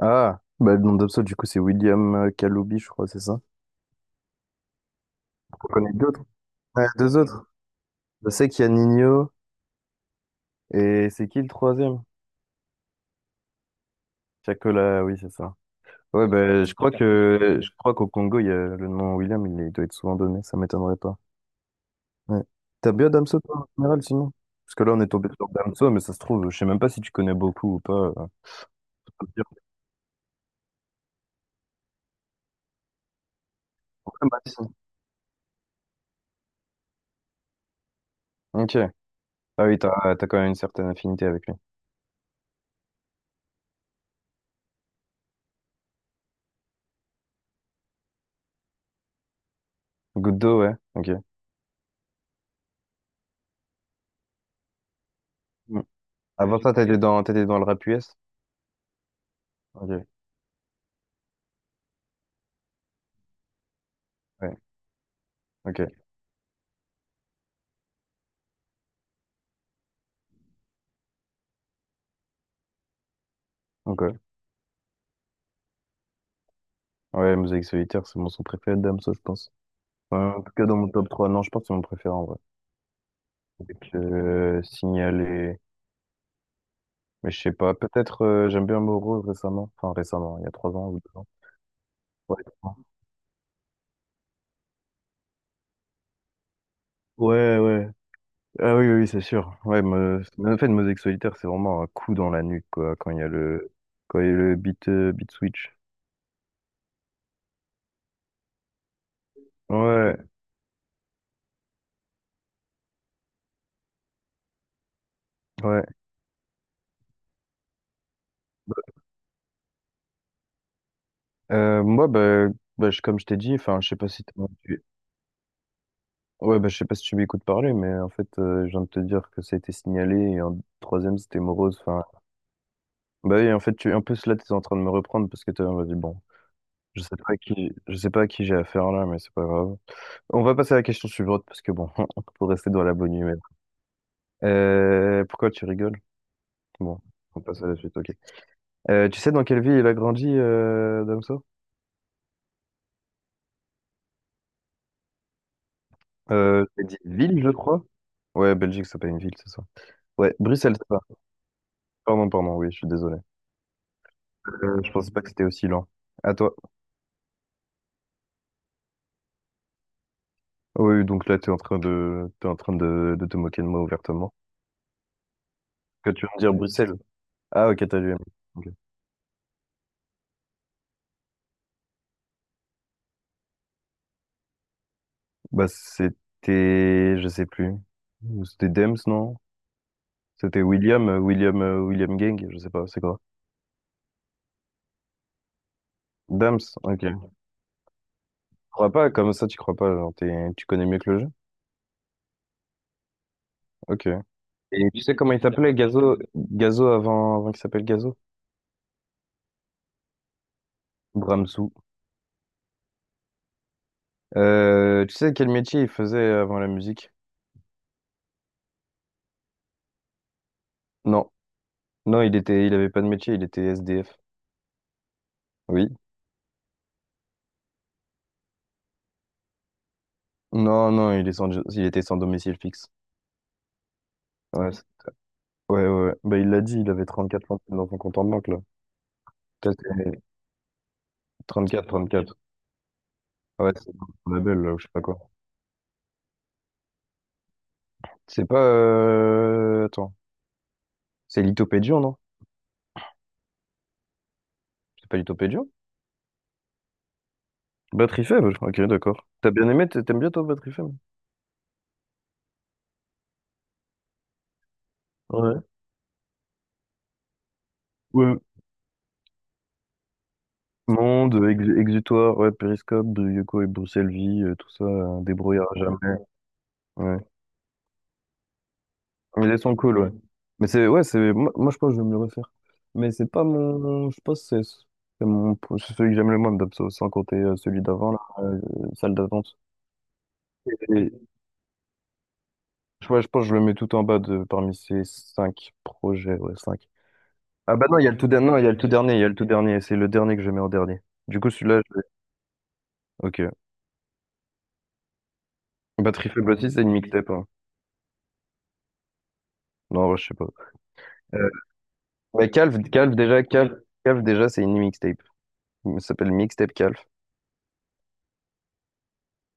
Ah, bah, le nom d'Obso, du coup, c'est William Kaloubi, je crois, c'est ça. On connaît d'autres. Ouais, deux autres. Je sais qu'il y a Nino et c'est qui le troisième? Chacola, oui, c'est ça. Ouais, bah, je crois qu'au Congo, il y a le nom William, doit être souvent donné, ça m'étonnerait pas. Ouais. T'as bien Damso, toi, en général, sinon? Parce que là, on est tombé sur Damso, mais ça se trouve, je sais même pas si tu connais beaucoup ou pas. Je peux te dire. Ouais, bah, si. Ok. Ah oui, t'as quand même une certaine affinité avec lui. Goudo, ouais. Ok. Mm. Avant ça, t'étais dans le rap US? Ok. Ouais, ok, ok. Ouais, Mosaïque Solitaire, c'est mon son préféré de Damso, je pense. Enfin, en tout cas, dans mon top 3 non, je pense que c'est mon préféré en vrai. Avec Signal. Et. Mais je sais pas, peut-être j'aime bien Moro récemment. Enfin, récemment, il y a 3 ans ou 2 ans. Ouais, 3 ans, ouais, ouais. Ah oui, oui, oui, c'est sûr. Ouais, mais en fait, Mosaïque Solitaire, c'est vraiment un coup dans la nuque, quoi, quand il y a le, quand il y a le beat, beat switch. Ouais, ouais. Moi, bah, comme je t'ai dit, enfin, je sais pas si t'as. Ouais, bah, je sais pas si tu m'écoutes parler, mais en fait, je viens de te dire que ça a été signalé et un troisième, c'était morose. Enfin, bah oui, en fait, en plus, là, tu es en train de me reprendre parce que tu m'as dit, bon, je sais pas à qui, je sais pas à qui j'ai affaire là, mais c'est pas grave. On va passer à la question suivante parce que bon, faut rester dans la bonne humeur. Pourquoi tu rigoles? Bon, on passe à la suite, ok. Tu sais dans quelle ville il a grandi, Damso? J'ai dit ville, je crois. Ouais, Belgique, c'est pas une ville, c'est ça. Ouais, Bruxelles, c'est ça. Pardon, pardon, oui, je suis désolé. Je pensais pas que c'était aussi lent. À toi. Oui, donc là, tu es en train de, t'es en train de te moquer de moi ouvertement. Que tu veux me dire Bruxelles? Ah, ok, t'as lu. Ok. Bah, c'était, je sais plus. C'était Dems, non? C'était William Gang, je sais pas, c'est quoi? Dems, ok. Tu crois pas, comme ça, tu crois pas, genre, tu connais mieux que le jeu? Ok. Et tu sais comment il s'appelait, Gazo avant qu'il s'appelle Gazo? Bramsou. Tu sais quel métier il faisait avant la musique? Non. Non, il avait pas de métier, il était SDF. Oui. Non, non, il était sans domicile fixe. Ouais, ouais, ouais, ouais. Bah, il l'a dit, il avait 34 centimes dans son compte en banque, là. Peut-être 34. Ouais, c'est son label, là, ou je sais pas quoi. C'est pas... Attends. C'est Litopédion, non? C'est pas Litopédion? Batterie faible, ok, d'accord. T'as bien aimé, t'aimes bien, toi, Batterie faible? Ouais. Ouais. Monde, Exutoire, ouais, Périscope, Yoko et Bruxelles Vie, tout ça, débrouillard à jamais. Ouais. Mais les sons cool, ouais. Mais c'est, ouais, c'est, moi, je pense que je vais me le refaire. Mais c'est pas mon, je pense que c'est mon, c'est celui que j'aime le moins, Dabso, sans compter celui d'avant, là, salle d'attente. Et, je ouais, je pense que je le mets tout en bas de, parmi ces cinq projets, ouais, cinq. Ah bah non, il y a le tout dernier, non, il y a le tout dernier, c'est le dernier que je mets en dernier. Du coup, celui-là, je l'ai. Ok. Batterie faible aussi, c'est une mixtape, hein. Non, ouais, je sais pas. Euh, mais Calve, déjà, Calve, déjà, c'est une mixtape. Ça s'appelle Mixtape Calve.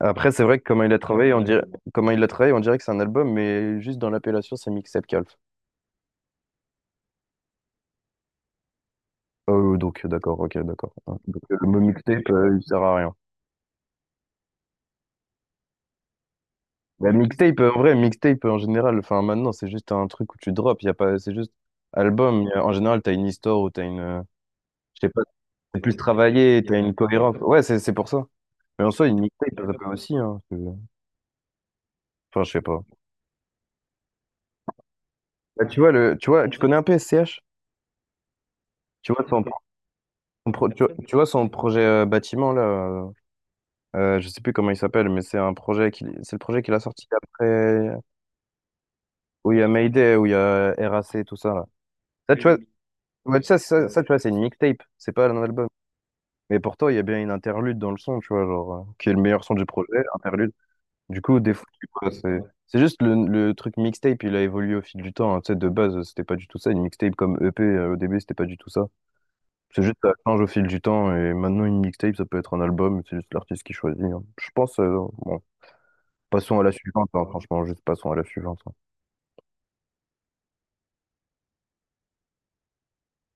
Après, c'est vrai que comment il l'a travaillé, on dirait que c'est un album, mais juste dans l'appellation, c'est mixtape calf. Donc, d'accord, ok, d'accord. Donc, le mot mixtape, il sert à rien. La mixtape, en vrai, mixtape en général, enfin maintenant, c'est juste un truc où tu drops, y a pas, c'est juste album. En général, t'as une histoire ou t'as une, je sais pas, c'est plus travaillé, t'as une cohérence. Ouais, c'est pour ça. Mais en soi, une mixtape, ça peut aussi, hein, Enfin, je sais pas. Bah, tu vois, tu vois, tu connais un peu S C h. Tu vois son tu vois, son projet bâtiment, là, euh, je sais plus comment il s'appelle, mais c'est le projet qu'il a sorti après, où il y a Mayday, où il y a RAC, tout ça, là. Ça, tu vois, oui, ouais, ça, tu vois, c'est une mixtape, c'est pas un album. Mais pourtant, il y a bien une interlude dans le son, tu vois, genre, qui est le meilleur son du projet, interlude. Du coup, des fois, tu vois, c'est, juste le truc mixtape, il a évolué au fil du temps, hein. Tu sais, de base, c'était pas du tout ça. Une mixtape comme EP, au début, c'était pas du tout ça. C'est juste, ça change au fil du temps, et maintenant, une mixtape, ça peut être un album, c'est juste l'artiste qui choisit, hein. Je pense, bon, passons à la suivante, hein, franchement, juste passons à la suivante, hein.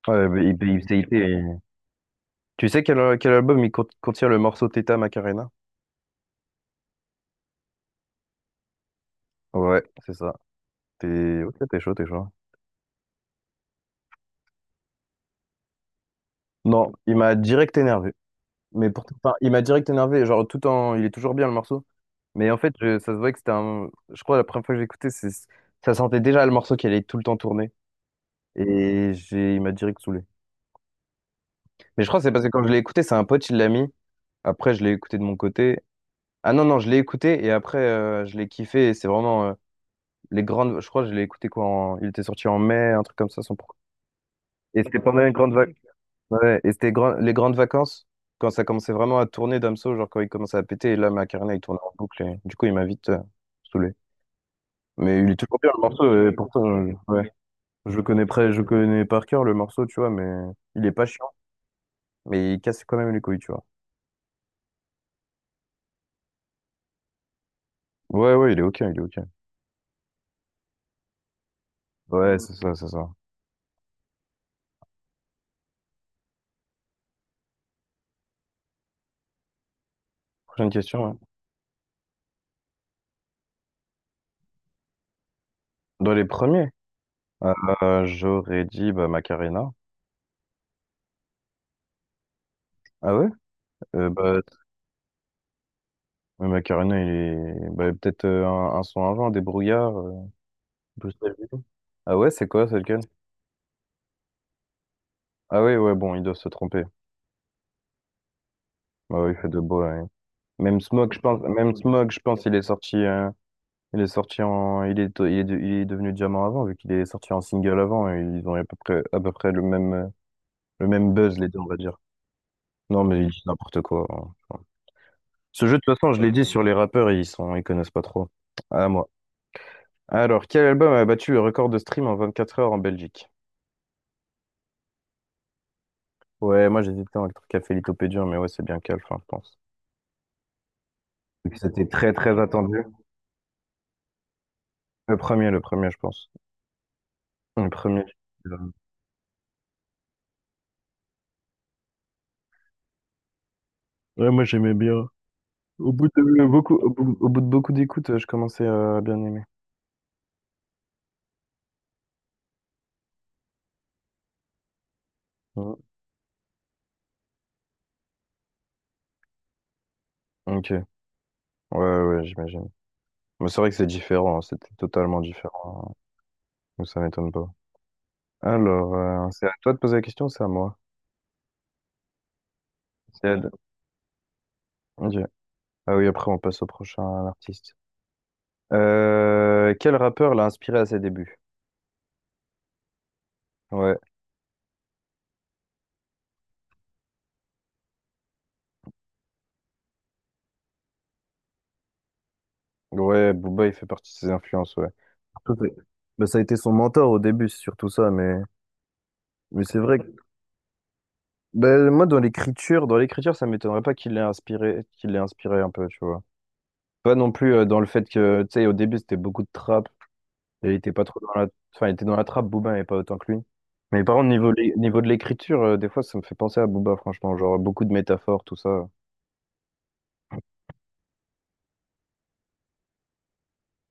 Ouais, mais tu sais quel album contient le morceau Teta Macarena? Ouais, c'est ça. T'es ok, t'es chaud, t'es chaud. Non, il m'a direct énervé. Mais enfin, il m'a direct énervé, genre tout en... Il est toujours bien le morceau. Mais en fait, ça se voit que c'était un... Je crois la première fois que j'ai écouté, c'est... Ça sentait déjà le morceau qui allait tout le temps tourner. Il m'a direct saoulé. Mais je crois que c'est parce que quand je l'ai écouté, c'est un pote, il l'a mis. Après, je l'ai écouté de mon côté. Ah non, non, je l'ai écouté et après, je l'ai kiffé, et c'est vraiment les grandes. Je crois que je l'ai écouté quoi. Il était sorti en mai, un truc comme ça. Et, ah, c'était pendant les grandes vacances. Ouais, et c'était les grandes vacances, quand ça commençait vraiment à tourner Damso, genre quand il commençait à péter. Et, là, Macarena, il tournait en boucle. Et, du coup, il m'a vite saoulé. Mais il est toujours bien le morceau. Et pourtant, ouais. Je le connais je connais par cœur le morceau, tu vois. Mais il est pas chiant. Mais il casse quand même les couilles, tu vois. Ouais, ouais, il est ok, il est ok. Ouais, c'est ça, c'est ça. Prochaine question, ouais. Dans les premiers. J'aurais dit bah, Macarena. Ah ouais? Bah, mais Macarena, il est bah, peut-être un son avant, des brouillards Bruxelles Ville. Ah ouais, c'est quoi, c'est lequel? Ah ouais, ouais, bon, ils doivent se tromper. Bah ouais, il fait de beaux, ouais. Même Smog, je pense, il est devenu diamant avant, vu qu'il est sorti en single avant, et ils ont à peu près le même buzz, les deux, on va dire. Non, mais ils disent n'importe quoi, hein. Ce jeu, de toute façon, je l'ai dit sur les rappeurs, ils connaissent pas trop. Ah, moi. Alors, quel album a battu le record de stream en 24 heures en Belgique? Ouais, moi j'hésitais entre Café Lithopédium, mais ouais, c'est bien Calf, enfin, je pense. Et puis, c'était très très attendu. Le premier, je pense. Le premier. Euh, Ouais, moi j'aimais bien. Au bout de beaucoup d'écoutes, je commençais à bien aimer. Ouais. Ok. Ouais, ouais, j'imagine. Mais c'est vrai que c'est différent, hein, c'était totalement différent, hein. Donc ça m'étonne pas. Alors, c'est à toi de poser la question, ou c'est à moi. C'est à... Ok. Ah oui, après on passe au prochain artiste. Quel rappeur l'a inspiré à ses débuts? Ouais, ouais, Booba, il fait partie de ses influences, ouais. Tout est- Ben, ça a été son mentor au début, c'est surtout ça, mais c'est vrai que ben, moi, dans l'écriture, ça m'étonnerait pas qu'il l'ait inspiré un peu, tu vois. Pas non plus dans le fait que, tu sais, au début, c'était beaucoup de trap, et il était pas trop dans la... Enfin, il était dans la trappe, Booba, et pas autant que lui. Mais par contre, niveau, niveau de l'écriture, des fois, ça me fait penser à Booba, franchement, genre beaucoup de métaphores, tout ça.